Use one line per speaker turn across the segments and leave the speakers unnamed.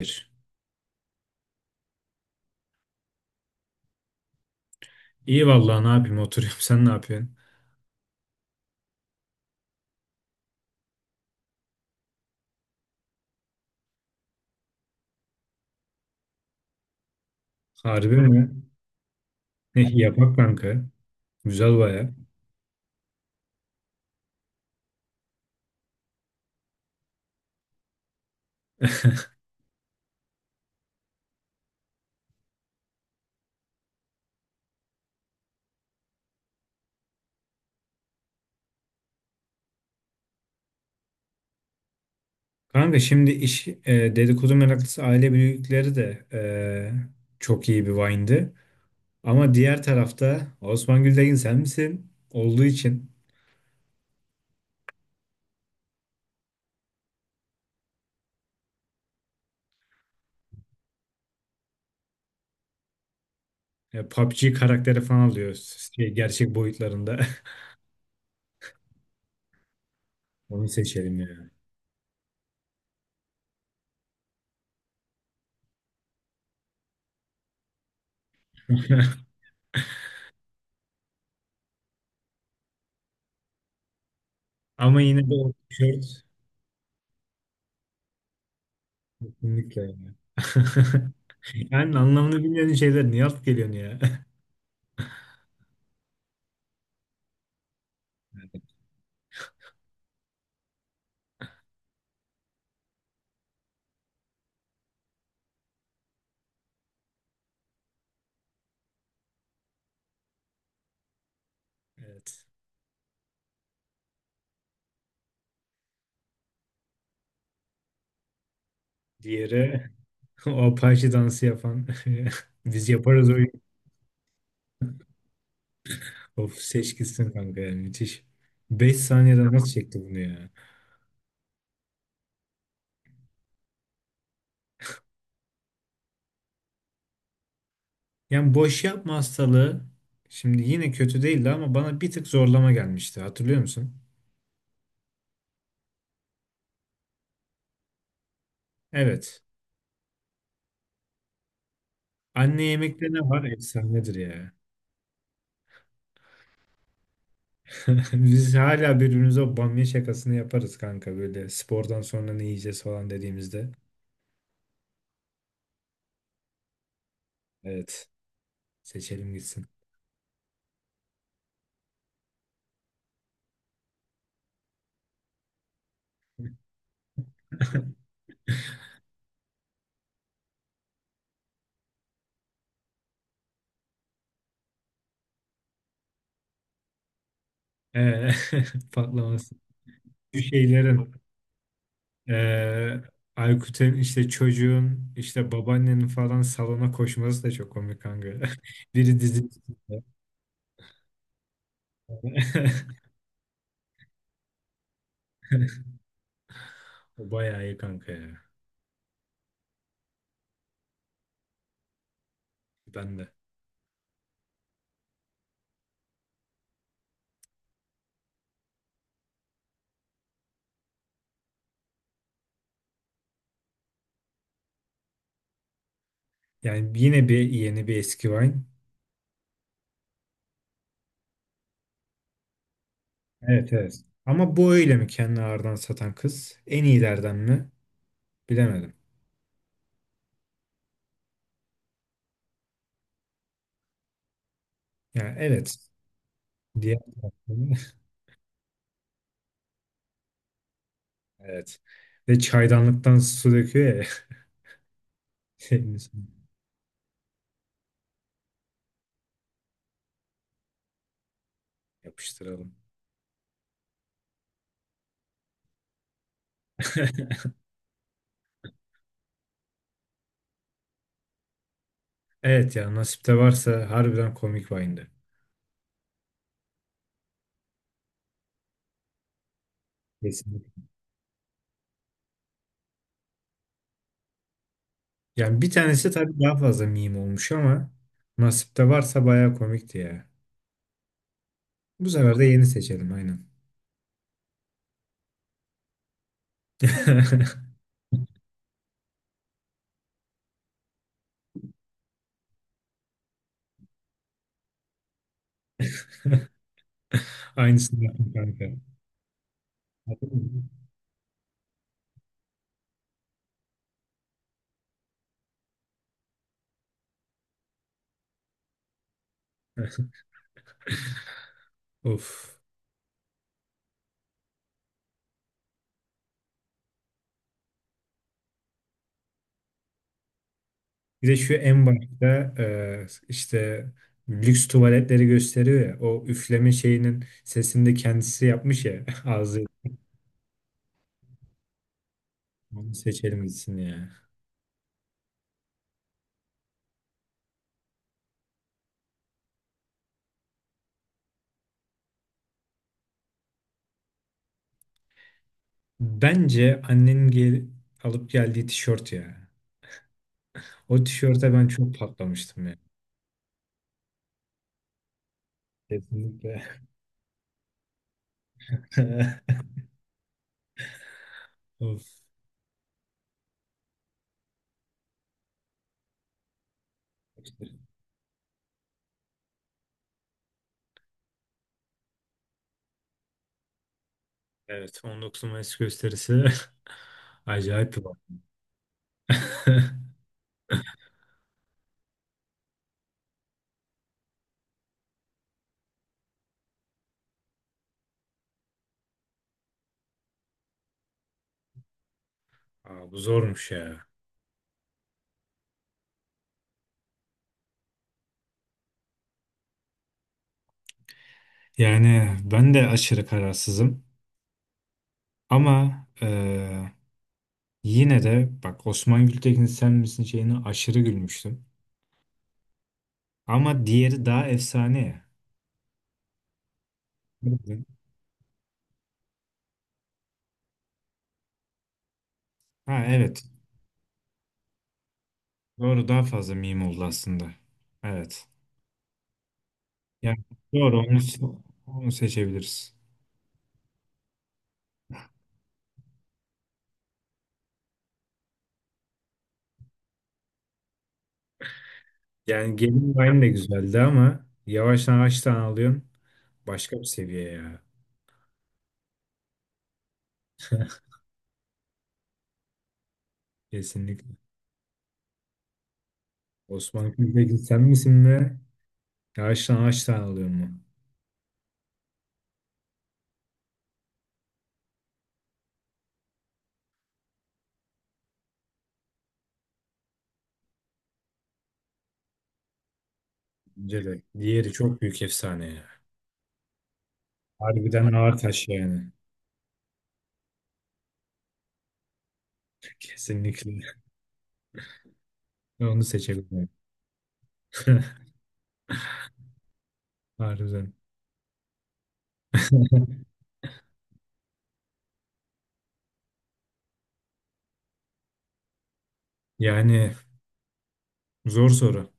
Bir. İyi vallahi ne yapayım oturuyorum. Sen ne yapıyorsun? Harbi mi? Yapak kanka. Güzel baya. Kanka şimdi iş dedikodu meraklısı aile büyükleri de çok iyi bir wine'dı. Ama diğer tarafta Osman Gültekin sen misin olduğu için PUBG karakteri falan alıyor. Gerçek boyutlarında. Onu seçelim ya. Ama yine de o tişört kesinlikle yani. Yani anlamını bilmeyen şeyler niye alıp geliyorsun ya? Evet. Diğeri o Apache dansı yapan. Biz yaparız oyun. Of, seç gitsin kanka, yani müthiş. 5 saniyede nasıl çekti bunu ya? Yani boş yapma hastalığı şimdi yine kötü değildi, ama bana bir tık zorlama gelmişti. Hatırlıyor musun? Evet. Anne yemekte ne var? Efsanedir ya. Biz hala birbirimize o bamya şakasını yaparız kanka, böyle spordan sonra ne yiyeceğiz falan dediğimizde. Evet. Seçelim gitsin. Ee, patlaması. Bu şeylerin Ee, Aykut'un işte çocuğun işte babaannenin falan salona koşması da çok komik kanka. Biri dizi. O bayağı iyi kanka ya. Ben de. Yani yine bir yeni bir eski Vine. Evet, evet. Ama bu öyle mi, kendini ağırdan satan kız? En iyilerden mi? Bilemedim. Yani evet. Diğer taraftan- Evet. Ve çaydanlıktan su döküyor ya. Şeyin üstüne. Yapıştıralım. Evet ya, nasipte varsa harbiden komik Vine'di. Kesinlikle. Yani bir tanesi tabii daha fazla meme olmuş, ama nasipte varsa bayağı komikti ya. Bu sefer de yeni seçelim aynen. Aynısını yaptım kanka. Of. Bir de şu en başta işte lüks tuvaletleri gösteriyor ya. O üfleme şeyinin sesini de kendisi yapmış ya. Ağzı, onu seçelim gitsin ya. Bence annenin alıp geldiği tişört ya. O tişörte ben çok patlamıştım ya. Kesinlikle. Of, evet, 19 Mayıs gösterisi acayip bir bak. Aa, bu zormuş ya. Yani ben de aşırı kararsızım ama yine de bak, Osman Gültekin sen misin şeyine aşırı gülmüştüm. Ama diğeri daha efsane ya. Bildin. Ha, evet, doğru, daha fazla meme oldu aslında. Evet. Yani doğru, onu seçebiliriz. Yani gelin aynı de güzeldi, ama yavaştan kaç tane alıyorsun? Başka bir seviye ya. Kesinlikle. Osman Külbek'in sen misin be? Yağıştan ağaçtan alıyor mu? Bence de. Diğeri çok büyük efsane ya. Harbiden ağır taş yani. Kesinlikle. Ben onu seçebilirim. Harbiden. Yani zor soru.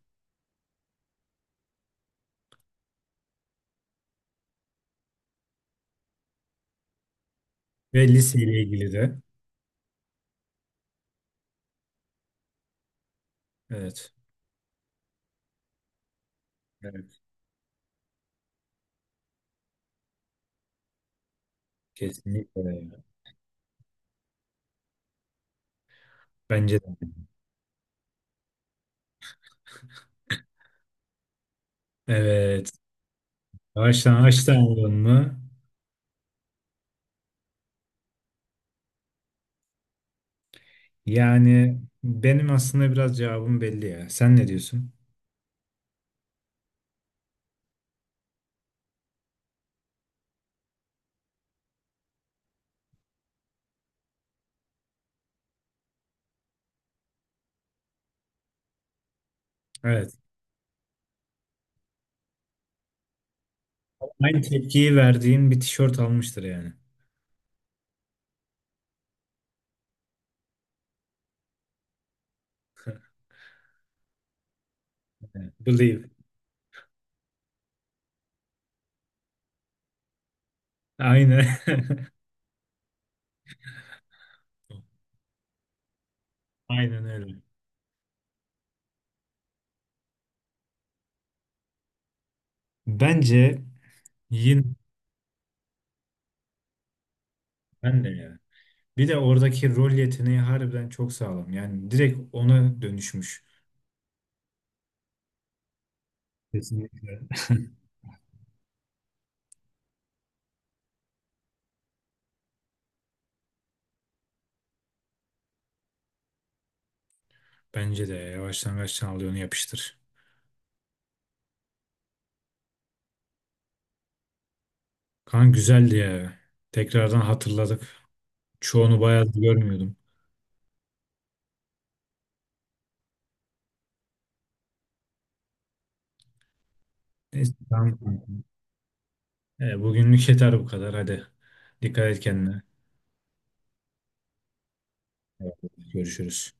Ve liseyle ilgili de. Evet. Evet. Kesinlikle ya. Bence de. Evet. Ağaçtan ağaçtan alıyor mu? Yani benim aslında biraz cevabım belli ya. Sen ne diyorsun? Evet. Aynı tepkiyi verdiğin bir tişört almıştır yani. Believe. Aynen. Aynen öyle. Bence yine ben de ya. Bir de oradaki rol yeteneği harbiden çok sağlam. Yani direkt ona dönüşmüş. Kesinlikle. Başlangıçtan de ya. Yavaştan kaçtan al, onu yapıştır. Kan güzeldi ya. Tekrardan hatırladık. Çoğunu bayağı görmüyordum. Neyse, tamam kanka. E, bugünlük yeter bu kadar. Hadi. Dikkat et kendine. Görüşürüz.